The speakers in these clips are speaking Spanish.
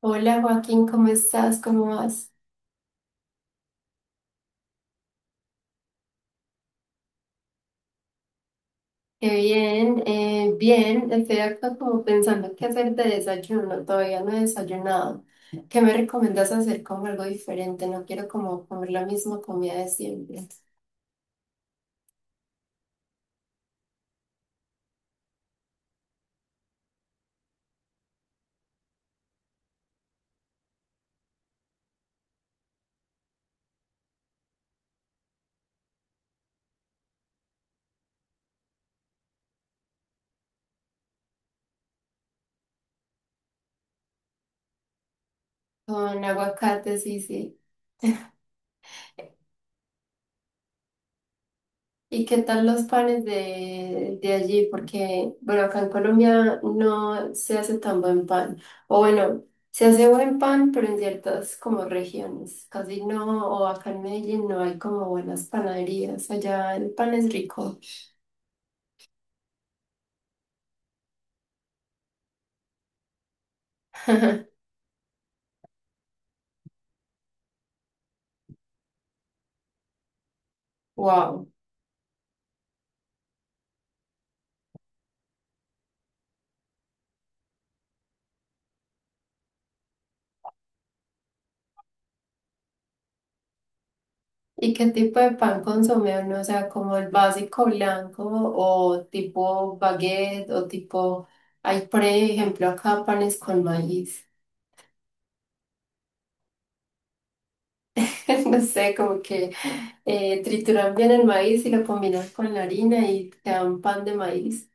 Hola Joaquín, ¿cómo estás? ¿Cómo vas? Qué bien, bien, estoy acá como pensando qué hacer de desayuno, todavía no he desayunado. ¿Qué me recomiendas hacer como algo diferente? No quiero como comer la misma comida de siempre. Con aguacate, sí, sí. ¿Y qué tal los panes de allí? Porque, bueno, acá en Colombia no se hace tan buen pan. O bueno, se hace buen pan, pero en ciertas como regiones. Casi no, o acá en Medellín no hay como buenas panaderías. Allá el pan es rico. Wow. ¿Y qué tipo de pan consume uno? O sea, como el básico blanco o tipo baguette o tipo... Hay, por ejemplo, acá panes con maíz. No sé, como que trituran bien el maíz y lo combinan con la harina y te dan pan de maíz.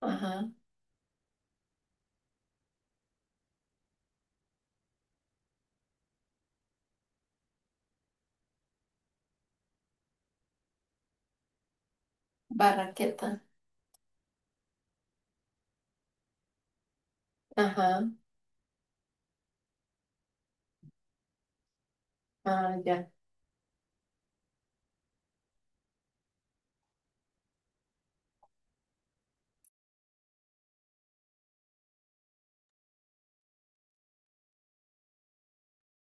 Ajá. Barraqueta. Ajá. Ah, ya.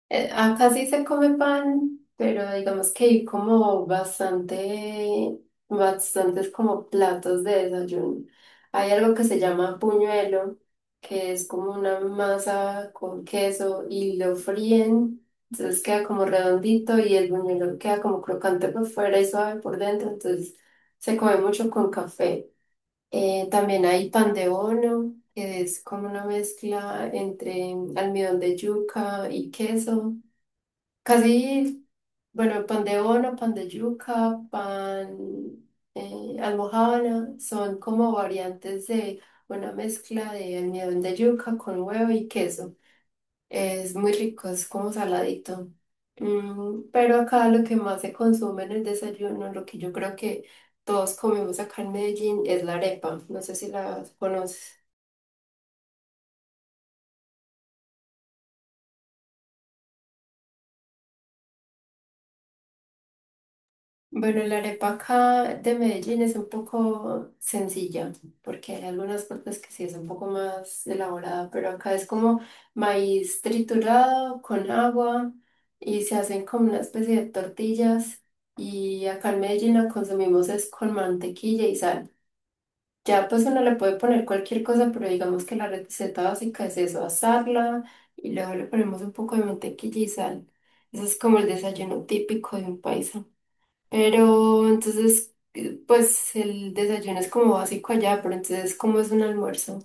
Acá sí se come pan, pero digamos que hay como bastantes como platos de desayuno. Hay algo que se llama puñuelo, que es como una masa con queso y lo fríen, entonces queda como redondito y el buñuelo queda como crocante por fuera y suave por dentro, entonces se come mucho con café. También hay pan de bono, que es como una mezcla entre almidón de yuca y queso. Casi, bueno, pan de bono, pan de yuca, pan almojábana, son como variantes de una mezcla de almidón de yuca con huevo y queso. Es muy rico, es como saladito. Mm, pero acá lo que más se consume en el desayuno, lo que yo creo que todos comemos acá en Medellín, es la arepa. No sé si la conoces. Bueno, la arepa acá de Medellín es un poco sencilla, porque hay algunas partes que sí es un poco más elaborada, pero acá es como maíz triturado con agua y se hacen como una especie de tortillas y acá en Medellín la consumimos es con mantequilla y sal. Ya pues uno le puede poner cualquier cosa, pero digamos que la receta básica es eso, asarla y luego le ponemos un poco de mantequilla y sal. Ese es como el desayuno típico de un país. Pero entonces, pues el desayuno es como básico allá, pero entonces, ¿cómo es un almuerzo?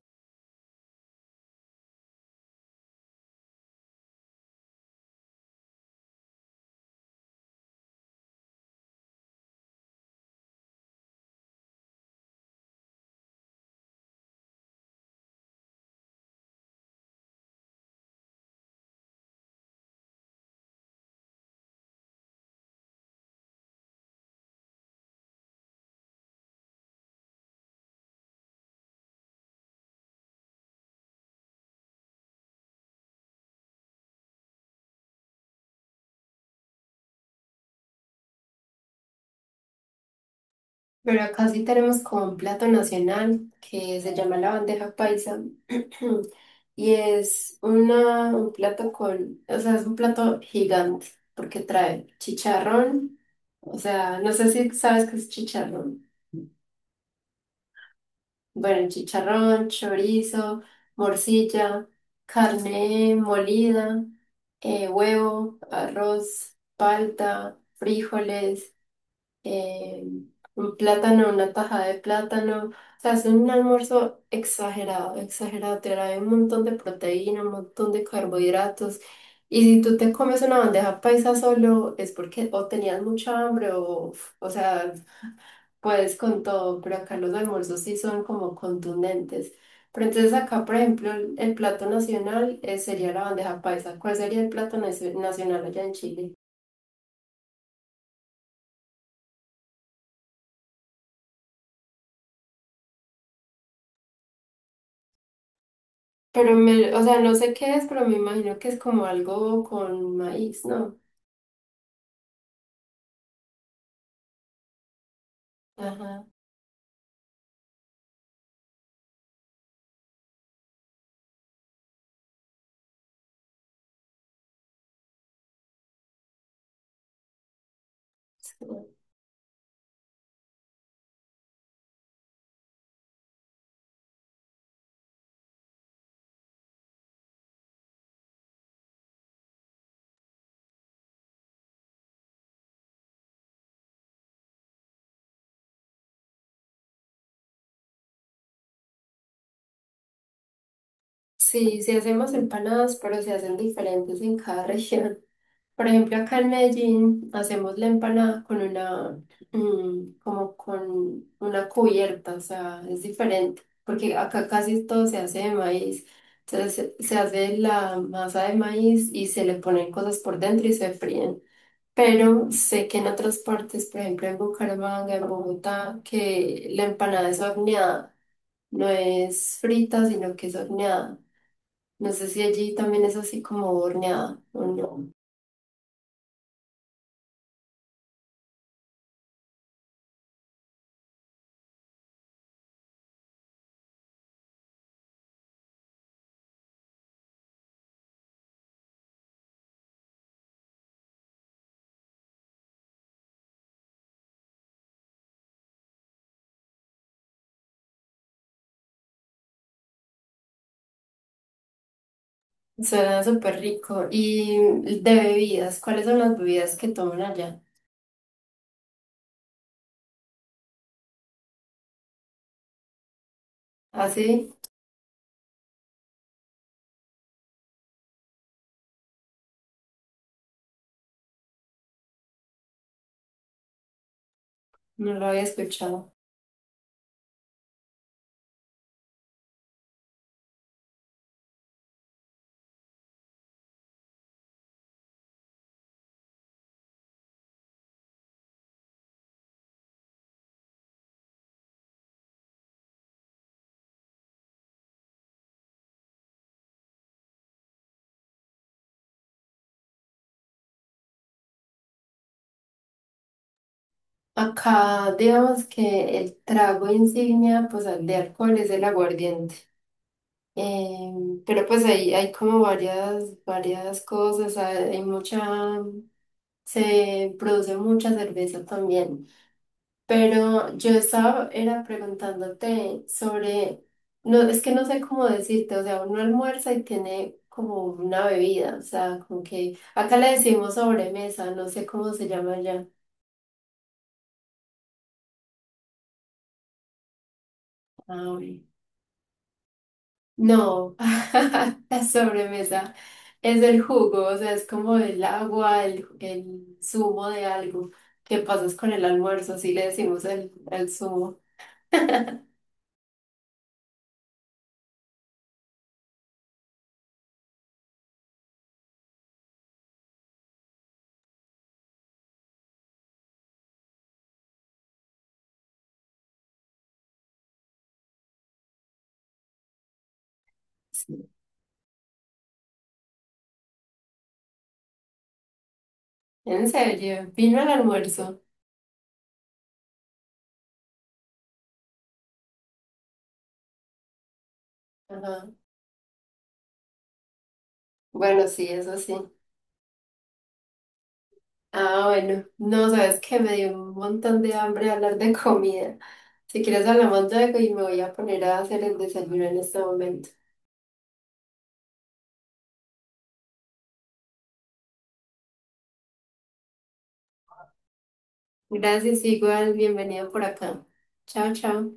Pero acá sí tenemos como un plato nacional que se llama la bandeja paisa. Y es una, un plato con, o sea, es un plato gigante porque trae chicharrón. O sea, no sé si sabes qué es chicharrón. Bueno, chicharrón, chorizo, morcilla, carne molida, huevo, arroz, palta, frijoles, eh, un plátano, una taja de plátano. O sea, es un almuerzo exagerado, exagerado. Te da un montón de proteína, un montón de carbohidratos. Y si tú te comes una bandeja paisa solo, es porque o tenías mucha hambre o sea, puedes con todo, pero acá los almuerzos sí son como contundentes. Pero entonces acá, por ejemplo, el plato nacional sería la bandeja paisa. ¿Cuál sería el plato nacio- nacional allá en Chile? Pero me, o sea, no sé qué es, pero me imagino que es como algo con maíz, ¿no? Ajá. Sí, sí hacemos empanadas, pero se hacen diferentes en cada región. Por ejemplo, acá en Medellín hacemos la empanada con una, mm, como con una cubierta, o sea, es diferente, porque acá casi todo se hace de maíz. Entonces se hace la masa de maíz y se le ponen cosas por dentro y se fríen. Pero sé que en otras partes, por ejemplo en Bucaramanga, en Bogotá, que la empanada es horneada, no es frita, sino que es horneada. No sé si allí también es así como horneada o no. Suena súper rico. Y de bebidas, ¿cuáles son las bebidas que toman allá? Así, no lo había escuchado. Acá, digamos que el trago insignia, pues, al de alcohol es el aguardiente. Eh, pero pues ahí hay como varias cosas, hay hay mucha, se produce mucha cerveza también. Pero yo estaba, era preguntándote sobre, no, es que no sé cómo decirte, o sea, uno almuerza y tiene como una bebida, o sea, como que acá le decimos sobremesa, no sé cómo se llama allá. Ah, ok. No, la sobremesa es el jugo, o sea, es como el agua, el zumo de algo que pasas con el almuerzo, así le decimos el zumo. Sí. ¿En serio? ¿Vino el almuerzo? Ajá. Bueno, sí, eso sí. Ah, bueno, no, sabes que me dio un montón de hambre hablar de comida. Si quieres hablamos luego y me voy a poner a hacer el desayuno en este momento. Gracias, igual, bienvenido por acá. Chao, chao.